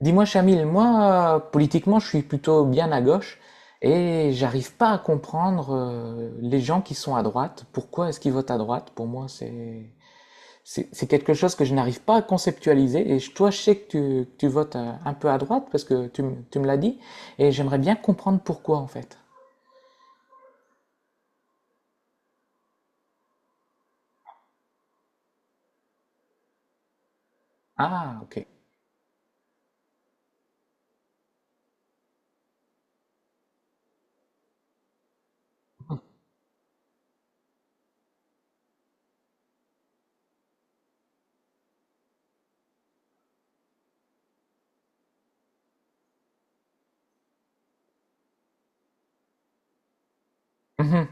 Dis-moi, Chamil, moi, politiquement, je suis plutôt bien à gauche et j'arrive pas à comprendre les gens qui sont à droite. Pourquoi est-ce qu'ils votent à droite? Pour moi, c'est quelque chose que je n'arrive pas à conceptualiser. Toi, je sais que tu votes un peu à droite parce que tu me l'as dit et j'aimerais bien comprendre pourquoi en fait. Ah, ok. Mhm.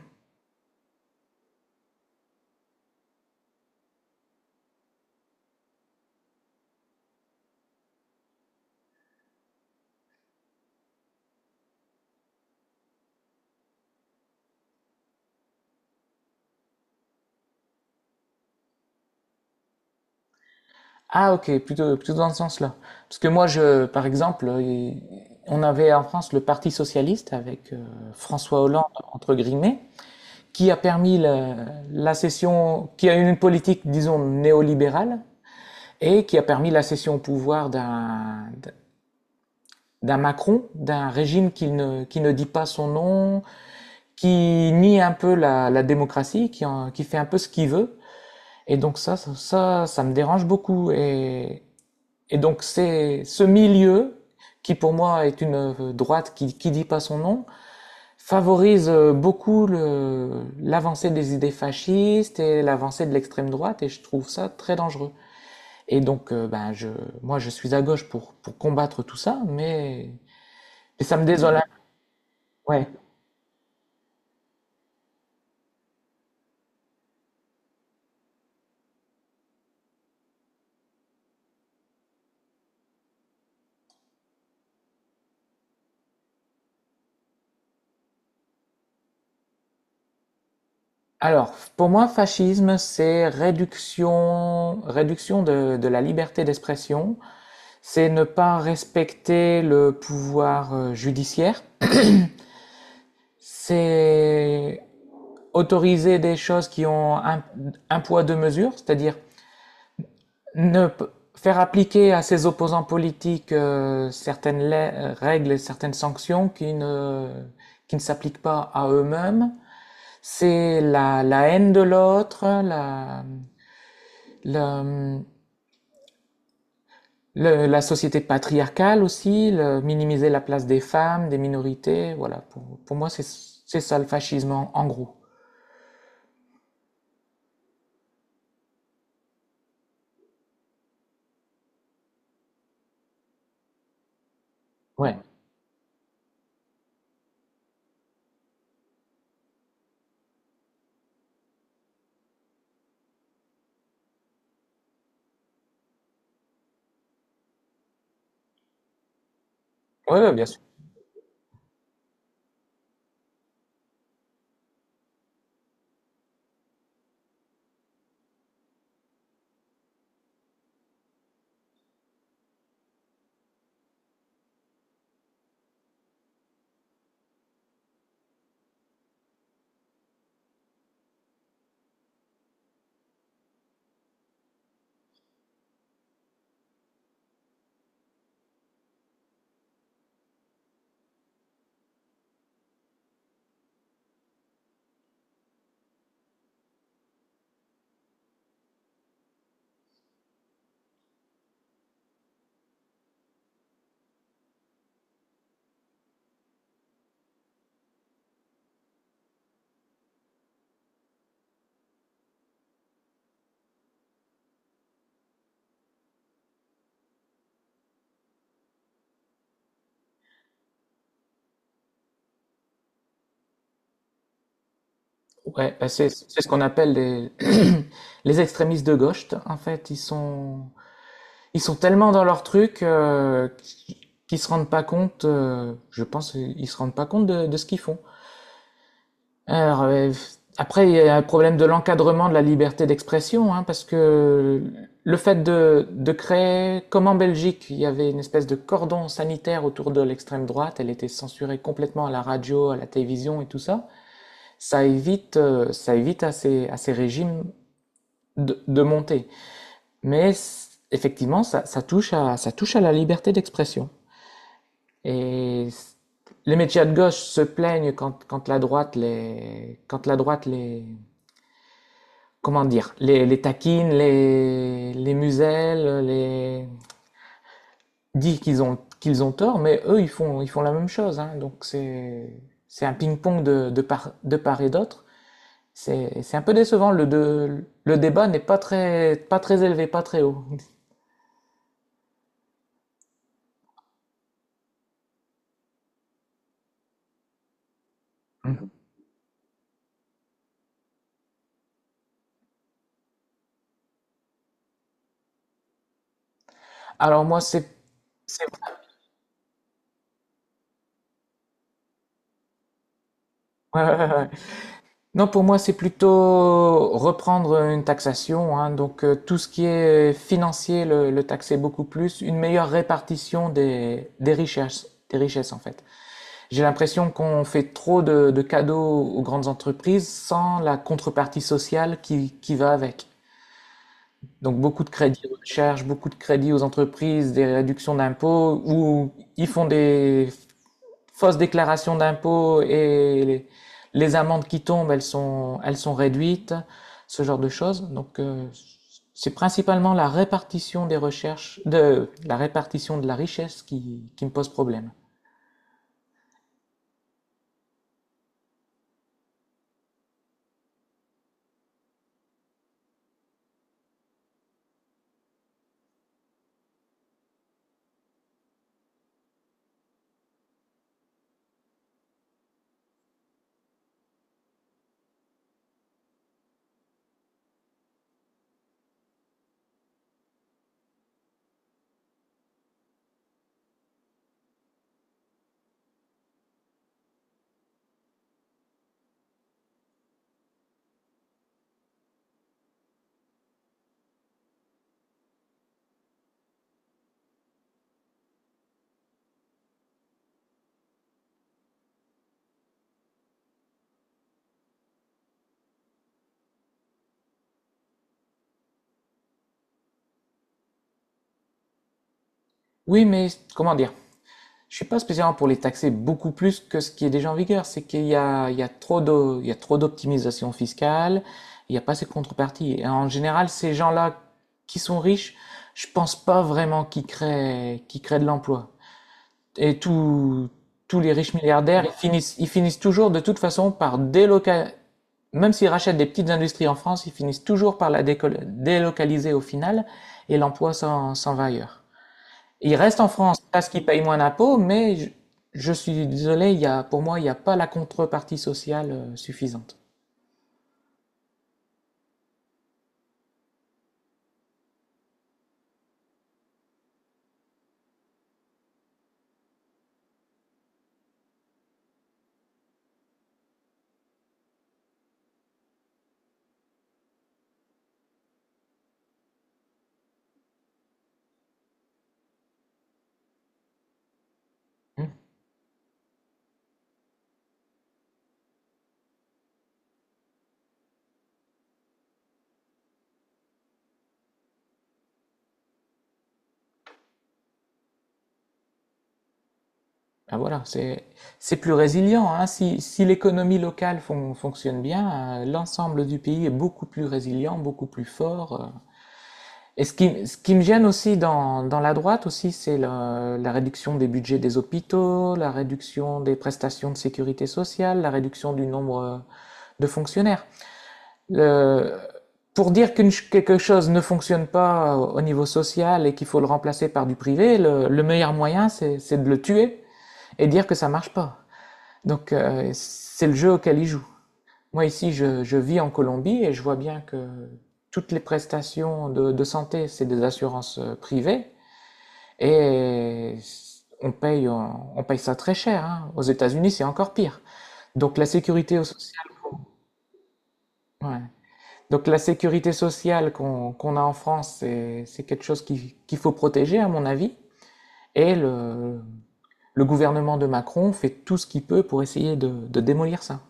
Ah, ok, plutôt dans ce sens-là. Parce que moi, je, par exemple, on avait en France le Parti socialiste avec François Hollande entre guillemets, qui a permis la cession, qui a une politique, disons, néolibérale, et qui a permis la cession au pouvoir d'un Macron, d'un régime qui ne dit pas son nom, qui nie un peu la démocratie, qui fait un peu ce qu'il veut. Et donc ça me dérange beaucoup. Et donc c'est ce milieu qui pour moi est une droite qui dit pas son nom, favorise beaucoup l'avancée des idées fascistes et l'avancée de l'extrême droite, et je trouve ça très dangereux. Et donc, moi, je suis à gauche pour combattre tout ça, mais ça me désole un peu. Ouais. Alors, pour moi, fascisme, c'est réduction de la liberté d'expression, c'est ne pas respecter le pouvoir judiciaire, c'est autoriser des choses qui ont un poids, deux mesures, c'est-à-dire Ne p- faire appliquer à ses opposants politiques règles et certaines sanctions qui ne s'appliquent pas à eux-mêmes, c'est la haine de l'autre, la, la société patriarcale aussi, minimiser la place des femmes, des minorités, voilà. Pour moi, c'est ça le fascisme en gros. Ouais, ouais, ouais, bien sûr. Ouais, bah, c'est ce qu'on appelle des les extrémistes de gauche. En fait, ils sont ils sont tellement dans leur truc qu'ils se rendent pas compte, je pense, ils se rendent pas compte de ce qu'ils font. Alors, après, il y a un problème de l'encadrement de la liberté d'expression, hein, parce que le fait de créer, comme en Belgique, il y avait une espèce de cordon sanitaire autour de l'extrême droite, elle était censurée complètement à la radio, à la télévision et tout ça, ça évite à à ces régimes de monter. Mais effectivement, ça touche ça touche à la liberté d'expression. Et les médias de gauche se plaignent quand la droite quand la droite les, comment dire, les taquine, les muselle, les, dit qu'ils ont tort, mais eux, ils font la même chose, hein. Donc c'est un ping-pong de part et d'autre. C'est un peu décevant. Le débat n'est pas très élevé, pas très haut. Alors moi, c'est, ouais, ouais, ouais, ouais. Non, pour moi, c'est plutôt reprendre une taxation, hein. Donc tout ce qui est financier, le taxer beaucoup plus, une meilleure répartition des richesses en fait. J'ai l'impression qu'on fait trop de cadeaux aux grandes entreprises sans la contrepartie sociale qui va avec. Donc beaucoup de crédits aux recherche, beaucoup de crédits aux entreprises, des réductions d'impôts, où ils font des fausse déclaration d'impôt et les amendes qui tombent, elles sont réduites, ce genre de choses. Donc, c'est principalement la répartition des recherches, de la répartition de la richesse qui me pose problème. Oui, mais comment dire? Je suis pas spécialement pour les taxer beaucoup plus que ce qui est déjà en vigueur. C'est qu'il y a trop de, il y a trop d'optimisation fiscale. Il n'y a pas ces contreparties. Et en général, ces gens-là qui sont riches, je pense pas vraiment qu'ils créent de l'emploi. Et tous les riches milliardaires, ils finissent toujours de toute façon par délocaliser. Même s'ils rachètent des petites industries en France, ils finissent toujours par la délocaliser au final et l'emploi s'en va ailleurs. Ils restent en France parce qu'ils payent moins d'impôts, mais je suis désolé, il y a, pour moi, il n'y a pas la contrepartie sociale suffisante. Hmm. Ben voilà, c'est plus résilient, hein. Si, si l'économie locale fonctionne bien, l'ensemble du pays est beaucoup plus résilient, beaucoup plus fort. Et ce qui me gêne aussi dans la droite aussi, c'est la réduction des budgets des hôpitaux, la réduction des prestations de sécurité sociale, la réduction du nombre de fonctionnaires. Le- pour dire qu'une quelque chose ne fonctionne pas au niveau social et qu'il faut le remplacer par du privé, le meilleur moyen, c'est de le tuer et dire que ça marche pas. Donc c'est le jeu auquel ils jouent. Moi ici, je vis en Colombie et je vois bien que toutes les prestations de santé, c'est des assurances privées. Et on paye ça très cher, hein. Aux États-Unis, c'est encore pire. Donc la sécurité sociale, ouais. Donc la sécurité sociale qu'on a en France, c'est quelque chose qu'il faut protéger, à mon avis. Et le gouvernement de Macron fait tout ce qu'il peut pour essayer de démolir ça.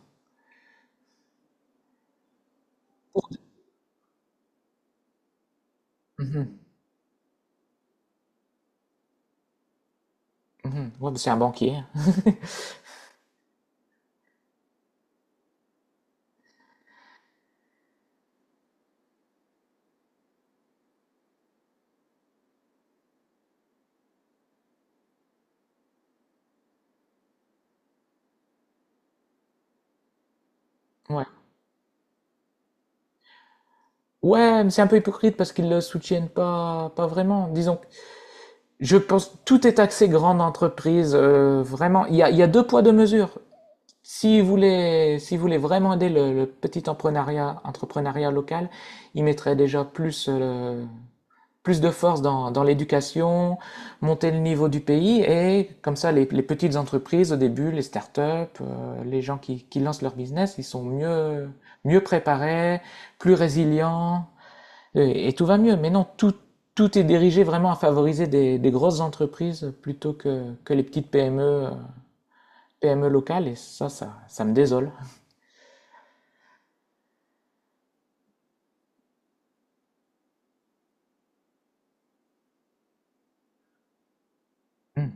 Mhm. Mhm. Ouais, mais c'est un banquier. Ouais. Ouais, mais c'est un peu hypocrite parce qu'ils le soutiennent pas, pas vraiment. Disons, je pense tout est axé grande entreprise, vraiment, il y a 2 poids 2 mesures. Si vous voulez vraiment aider le petit empreneuriat entrepreneuriat local, il mettrait déjà plus, plus de force dans l'éducation, monter le niveau du pays et comme ça les petites entreprises au début, les startups, up les gens qui lancent leur business, ils sont mieux préparés, plus résilients. Et tout va mieux. Mais non, tout, tout est dirigé vraiment à favoriser des grosses entreprises plutôt que les petites PME, PME locales. Et ça me désole. Hmm.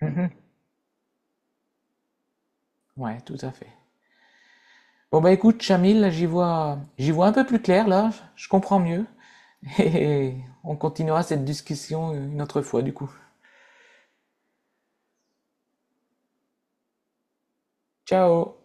Mhm. Ouais, tout à fait. Bon, bah écoute, Chamil, là, j'y vois un peu plus clair, là. Je comprends mieux. Et on continuera cette discussion une autre fois, du coup. Ciao!